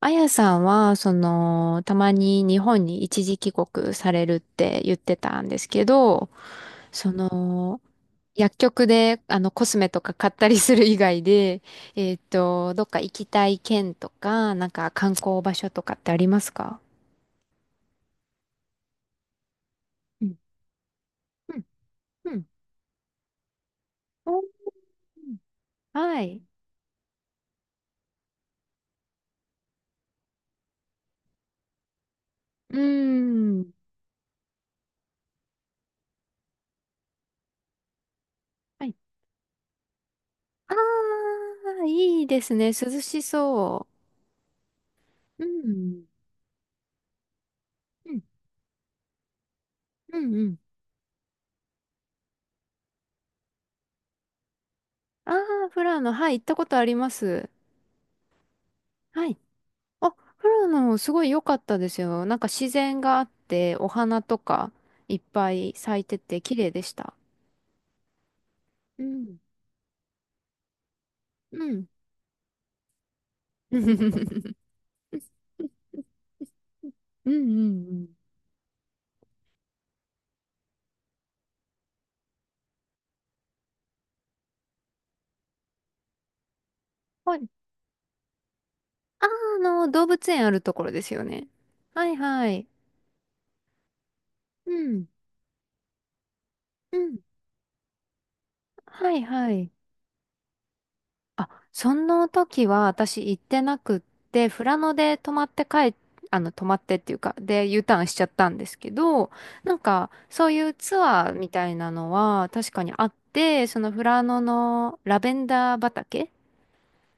あやさんは、たまに日本に一時帰国されるって言ってたんですけど、その、薬局で、コスメとか買ったりする以外で、どっか行きたい県とか、なんか観光場所とかってありますか？うん。うん。うん。おー。はい。うーん。はい。ああ、いいですね。涼しそう。うん。うん。うんうん。ああ、フラノ、はい、行ったことあります。はい。あ、富良野すごい良かったですよ。なんか自然があって、お花とかいっぱい咲いてて綺麗でした。うん。うん。うんうんうん。はい。あー、あ動物園あるところですよね。はいはい。うん。うん。はいはい。あ、その時は私行ってなくって、富良野で泊まって帰っ、泊まってっていうか、で、U ターンしちゃったんですけど、なんか、そういうツアーみたいなのは確かにあって、その富良野のラベンダー畑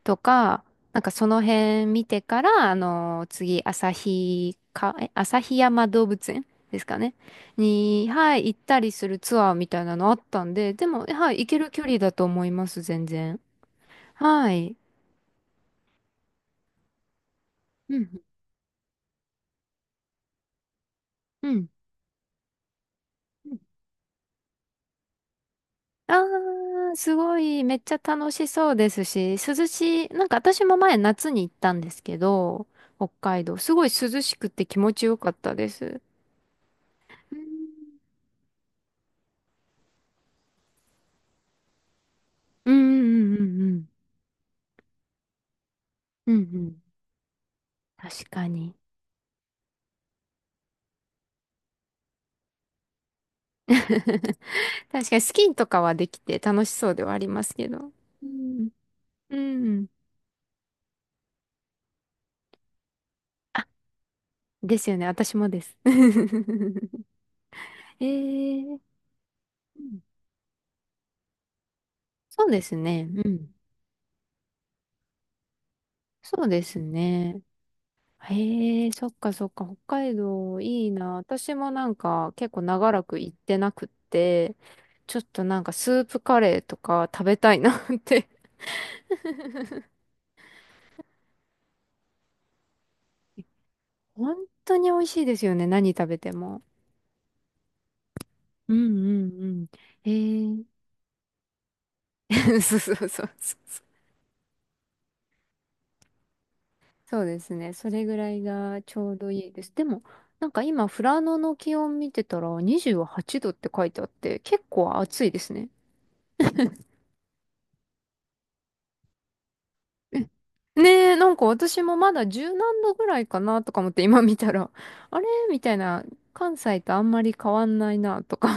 とか、なんかその辺見てから、次、旭か、え、旭山動物園ですかね。に、はい、行ったりするツアーみたいなのあったんで、でも、はい、行ける距離だと思います、全然。はい。うん、うん。うん。あー、すごい、めっちゃ楽しそうですし、涼しい、なんか私も前夏に行ったんですけど、北海道、すごい涼しくて気持ちよかったです。うん、うん、うん、うん。うん、うん。確かに。確かにスキーとかはできて楽しそうではありますけど。うん、うん。あ、ですよね、私もです。えー、うん、そうですね、うん。そうですね。へえ、そっかそっか、北海道いいな。私もなんか結構長らく行ってなくって、ちょっとなんかスープカレーとか食べたいなって。本当に美味しいですよね、何食べても。うんうんうん。えー、そうそうそうそう。そうですね、それぐらいがちょうどいいです。でも、なんか今、富良野の気温見てたら28度って書いてあって、結構暑いですね。ねえ、なんか私もまだ十何度ぐらいかなとか思って今見たら、あれみたいな、関西とあんまり変わんないなとか。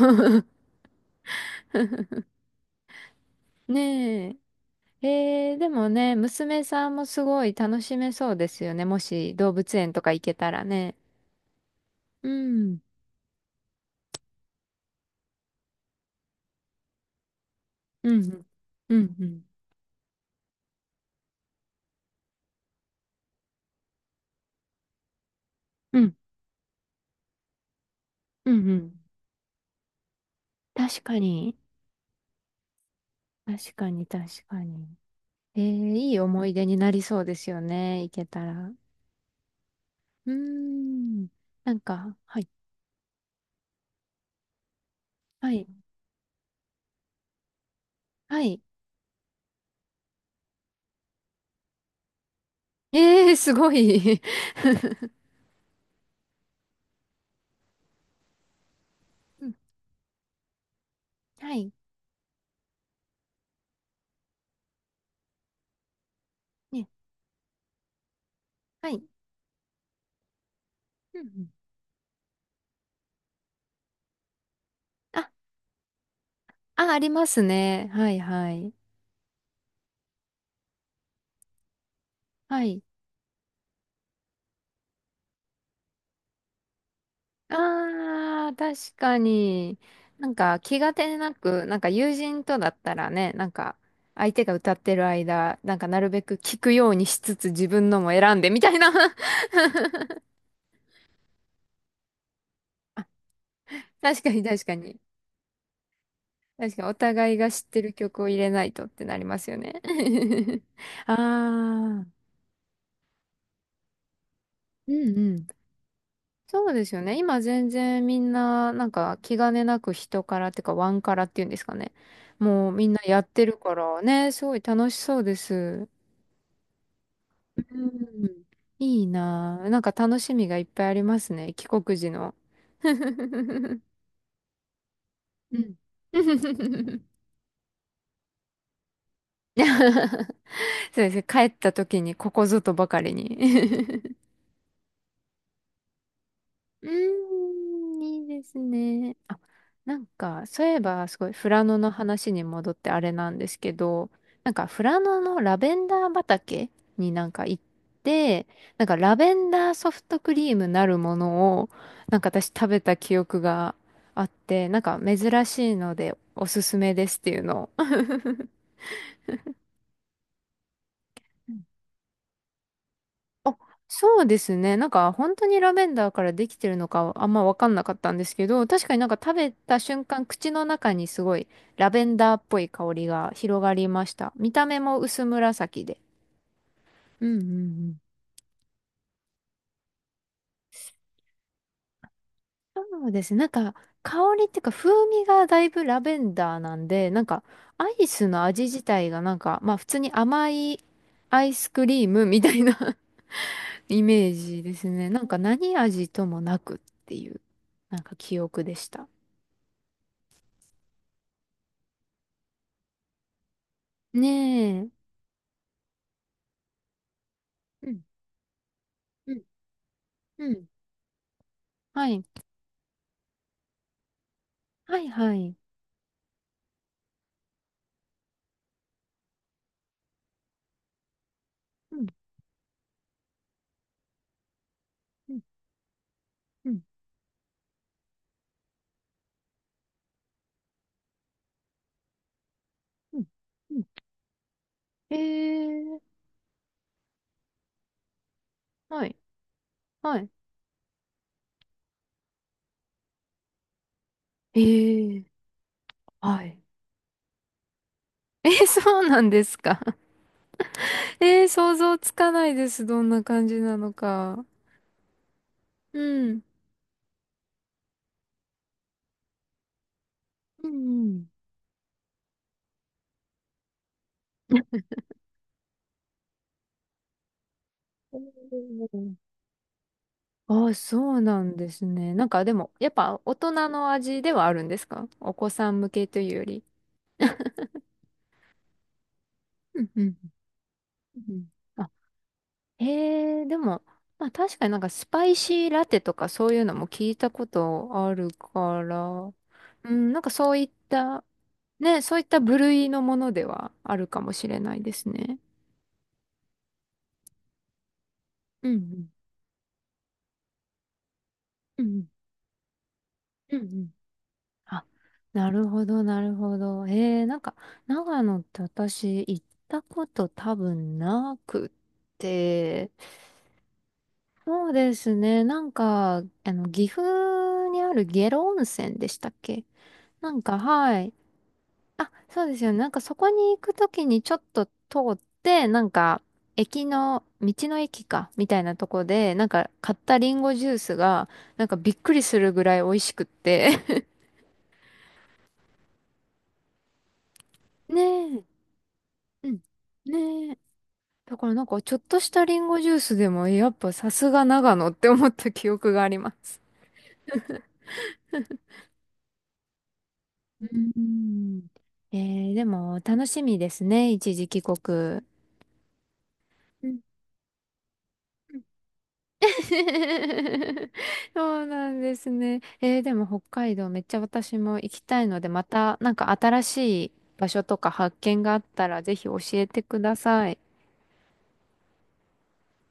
ねえ。えー、でもね、娘さんもすごい楽しめそうですよね。もし動物園とか行けたらね。うん。うん。うん。うん。うん。うんうん。確かに。確かに、確かに。えー、いい思い出になりそうですよね。行けたら。うーん。はい。はい。はい。ええ、すごい。うん、はい。ね、はい。うんうん。あ、あ、ありますね。はいはい。はい。ああ、確かに。なんか気がてなく、なんか友人とだったらね、なんか相手が歌ってる間、なんかなるべく聞くようにしつつ自分のも選んでみたいな。あ、確かに確かに。確かにお互いが知ってる曲を入れないとってなりますよね。ああ。うんうん。そうですよね。今全然みんな、なんか気兼ねなく人からっていうか、ワンからっていうんですかね。もうみんなやってるからね、すごい楽しそうです。うん。いいなぁ。なんか楽しみがいっぱいありますね。帰国時の。うん。そうですね。帰った時にここぞとばかりに。 うーん、いいですね。あ、なんか、そういえば、すごい、富良野の話に戻ってあれなんですけど、なんか、富良野のラベンダー畑になんか行って、なんか、ラベンダーソフトクリームなるものを、なんか私食べた記憶があって、なんか、珍しいので、おすすめですっていうのを。あ、そうですね。なんか本当にラベンダーからできてるのかあんまわかんなかったんですけど、確かになんか食べた瞬間、口の中にすごいラベンダーっぽい香りが広がりました。見た目も薄紫で。うんうんうん。そうですね。なんか香りっていうか風味がだいぶラベンダーなんで、なんかアイスの味自体がなんかまあ普通に甘いアイスクリームみたいな、 イメージですね。なんか何味ともなくっていう、なんか記憶でした。ねえ。うん、うん、うん。はい。はい、はい。うん、うん、うん、うん。うん。えー。はい、はい。えー。はい。えー、そうなんですか。えー、想像つかないです。どんな感じなのか。うん、うん、うん。ああ、そうなんですね。なんかでも、やっぱ大人の味ではあるんですか？お子さん向けというより。うんうんうん。へえ、でも、まあ確かになんかスパイシーラテとかそういうのも聞いたことあるから、うん、なんかそういった、ね、そういった部類のものではあるかもしれないですね。うんうん。うんうん。うんうん。あ、なるほど、なるほど。えー、なんか、長野って私行ったこと多分なくって、そうですね、なんか、岐阜にある下呂温泉でしたっけ？なんか、はい。あ、そうですよね。なんかそこに行くときにちょっと通って、なんか駅の、道の駅か、みたいなとこで、なんか買ったリンゴジュースが、なんかびっくりするぐらい美味しくって。ねえ。うん。ねえ。だからなんかちょっとしたリンゴジュースでも、やっぱさすが長野って思った記憶があります。うん。えー、でも楽しみですね。一時帰国。うん。 そうなんですね。えーでも北海道めっちゃ私も行きたいので、またなんか新しい場所とか発見があったらぜひ教えてください。